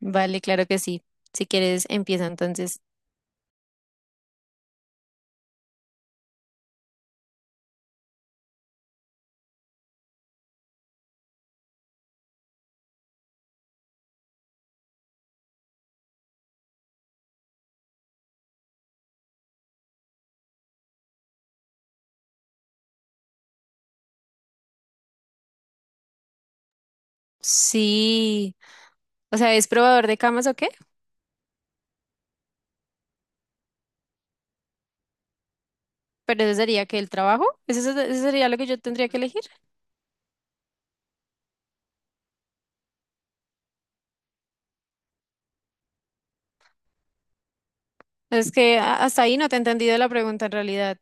Vale, claro que sí. Si quieres, empieza entonces. Sí. O sea, ¿es probador de camas o qué? Pero eso sería que el trabajo. ¿Eso, eso sería lo que yo tendría que elegir? Es que hasta ahí no te he entendido la pregunta en realidad.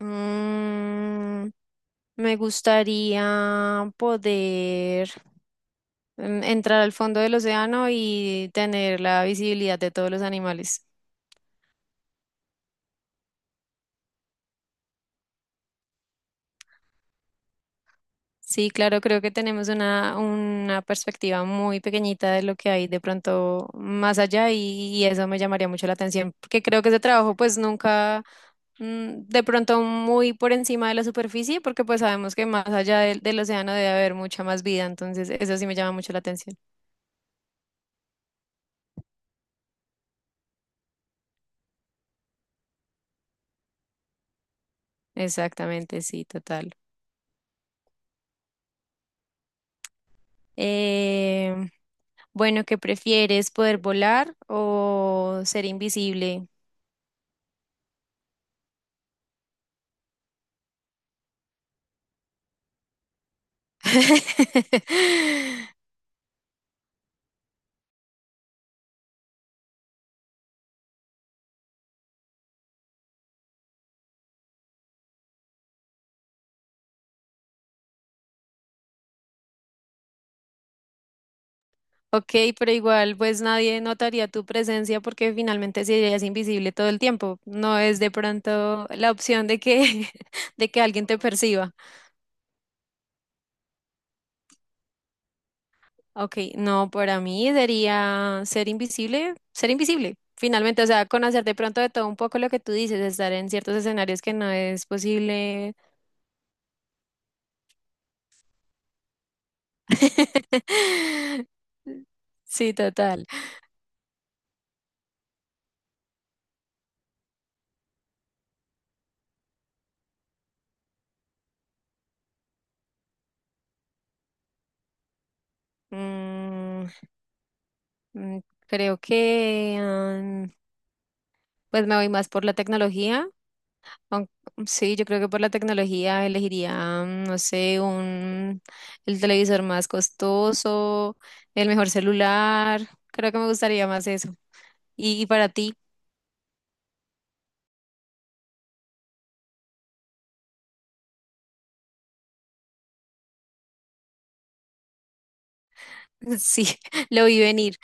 Mm, me gustaría poder entrar al fondo del océano y tener la visibilidad de todos los animales. Sí, claro, creo que tenemos una perspectiva muy pequeñita de lo que hay de pronto más allá y eso me llamaría mucho la atención, porque creo que ese trabajo pues nunca, de pronto muy por encima de la superficie, porque pues sabemos que más allá del océano debe haber mucha más vida, entonces eso sí me llama mucho la atención. Exactamente, sí, total. Eh, bueno, ¿qué prefieres, poder volar o ser invisible? Ok, pero igual pues nadie notaría tu presencia porque finalmente serías invisible todo el tiempo. No es de pronto la opción de que, de que alguien te perciba. Ok, no, para mí sería ser invisible, ser invisible. Finalmente, o sea, conocer de pronto de todo un poco lo que tú dices, estar en ciertos escenarios que no es posible. Sí, total. Mm, mm, creo que mm, pues me voy más por la tecnología. Aun- Sí, yo creo que por la tecnología elegiría, no sé, el televisor más costoso, el mejor celular. Creo que me gustaría más eso. Y para ti, sí, lo vi venir.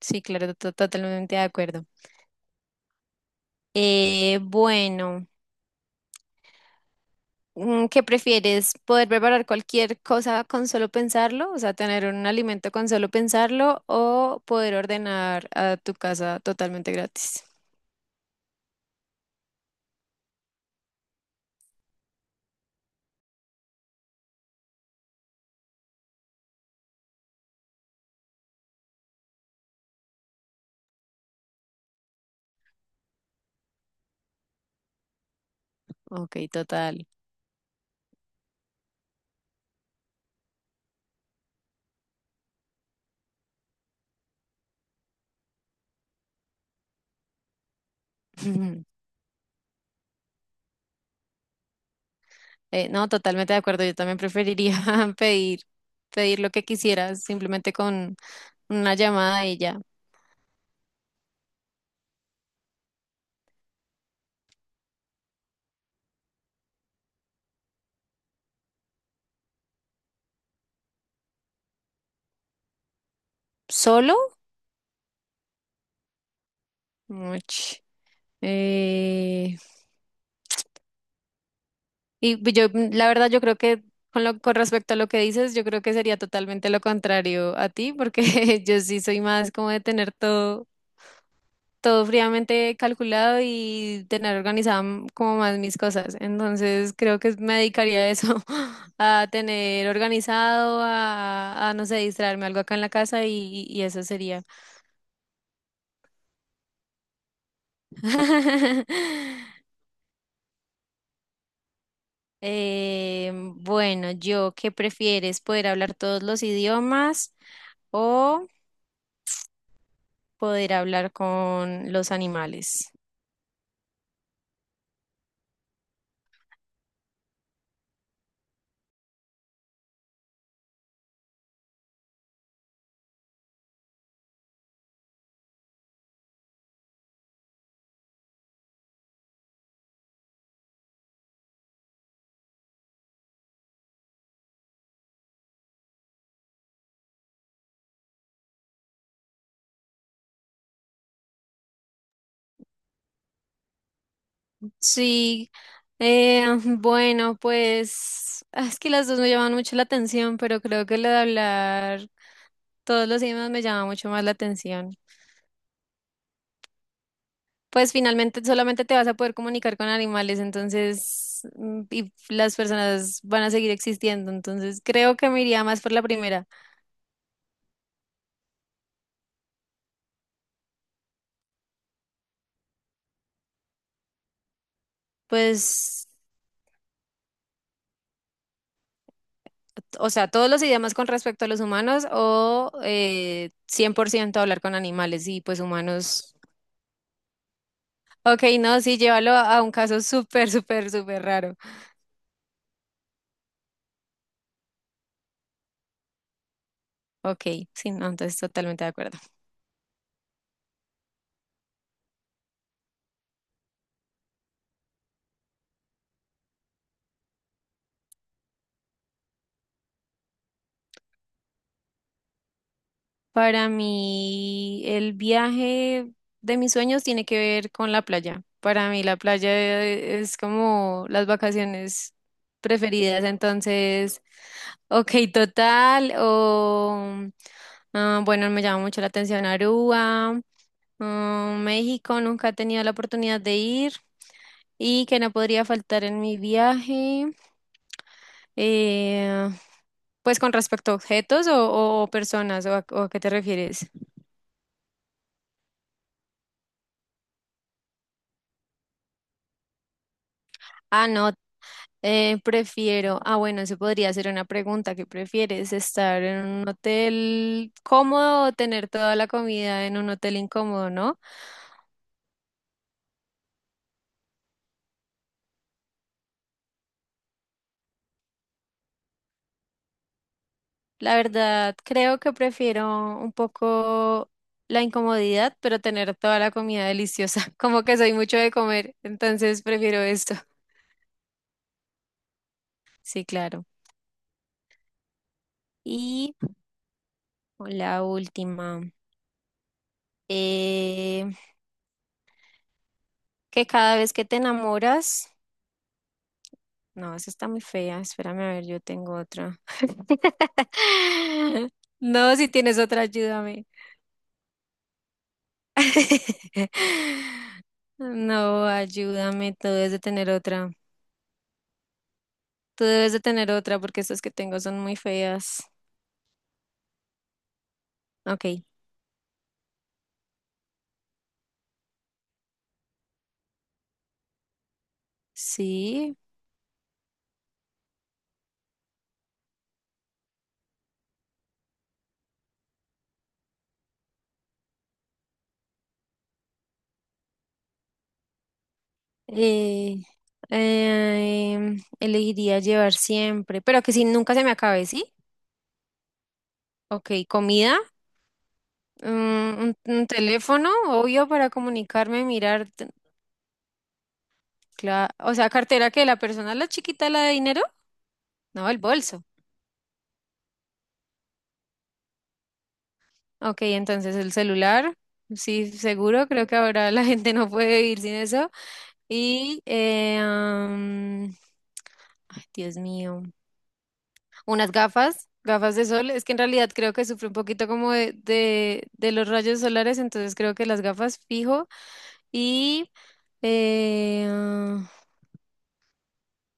Sí, claro, totalmente de acuerdo. Bueno, ¿qué prefieres? ¿Poder preparar cualquier cosa con solo pensarlo? O sea, tener un alimento con solo pensarlo o poder ordenar a tu casa totalmente gratis. Ok, total. No, totalmente de acuerdo. Yo también preferiría pedir, pedir lo que quisiera simplemente con una llamada y ya. ¿Solo? Uch, eh, y pues yo, la verdad, yo creo que con lo, con respecto a lo que dices, yo creo que sería totalmente lo contrario a ti, porque yo sí soy más como de tener todo fríamente calculado y tener organizado como más mis cosas. Entonces creo que me dedicaría a eso, a tener organizado, no sé, distraerme algo acá en la casa y eso sería. Bueno, yo, ¿qué prefieres? ¿Poder hablar todos los idiomas o poder hablar con los animales? Sí, bueno, pues ah, es que las dos me llaman mucho la atención, pero creo que lo de hablar todos los idiomas me llama mucho más la atención. Pues finalmente solamente te vas a poder comunicar con animales, entonces, y las personas van a seguir existiendo, entonces creo que me iría más por la primera. Pues, o sea, todos los idiomas con respecto a los humanos o 100% hablar con animales y pues humanos. Ok, no, sí, llévalo a un caso súper, súper, súper raro. Ok, sí, no, entonces totalmente de acuerdo. Para mí, el viaje de mis sueños tiene que ver con la playa. Para mí, la playa es como las vacaciones preferidas. Entonces, ok, total, o ah, bueno, me llama mucho la atención Aruba, ah, México, nunca he tenido la oportunidad de ir y que no podría faltar en mi viaje. Eh, pues con respecto a objetos o personas, o a qué te refieres? Ah, no, prefiero, ah, bueno, eso podría ser una pregunta, ¿qué prefieres? ¿Estar en un hotel cómodo o tener toda la comida en un hotel incómodo, no? La verdad, creo que prefiero un poco la incomodidad, pero tener toda la comida deliciosa. Como que soy mucho de comer, entonces prefiero esto. Sí, claro. Y la última. eh, Que cada vez que te enamoras, no, esa está muy fea. Espérame a ver, yo tengo otra. No, si tienes otra, ayúdame. No, ayúdame, tú debes de tener otra. Tú debes de tener otra porque estas que tengo son muy feas. Ok, sí. Eh, eh, elegiría llevar siempre, pero que si nunca se me acabe, ¿sí? Ok, comida. Un teléfono, obvio, para comunicarme, mirar, o sea, cartera que la persona, la chiquita, la de dinero, no, el bolso. Ok, entonces el celular, sí, seguro, creo que ahora la gente no puede vivir sin eso. Y, ay, Dios mío, unas gafas. Gafas de sol, es que en realidad creo que sufre un poquito como de los rayos solares, entonces creo que las gafas fijo y Eh,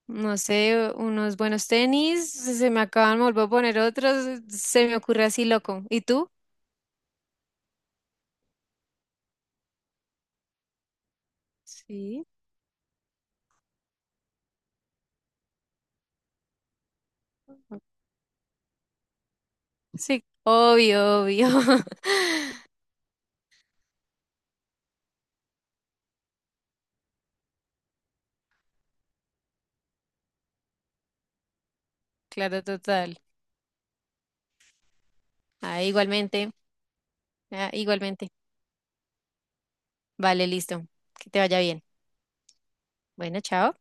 No sé, unos buenos tenis, se me acaban, me vuelvo a poner otros, se me ocurre así loco. ¿Y tú? Sí. Sí, obvio, obvio. Claro, total. Ah, igualmente, ah, igualmente. Vale, listo. Que te vaya bien. Bueno, chao.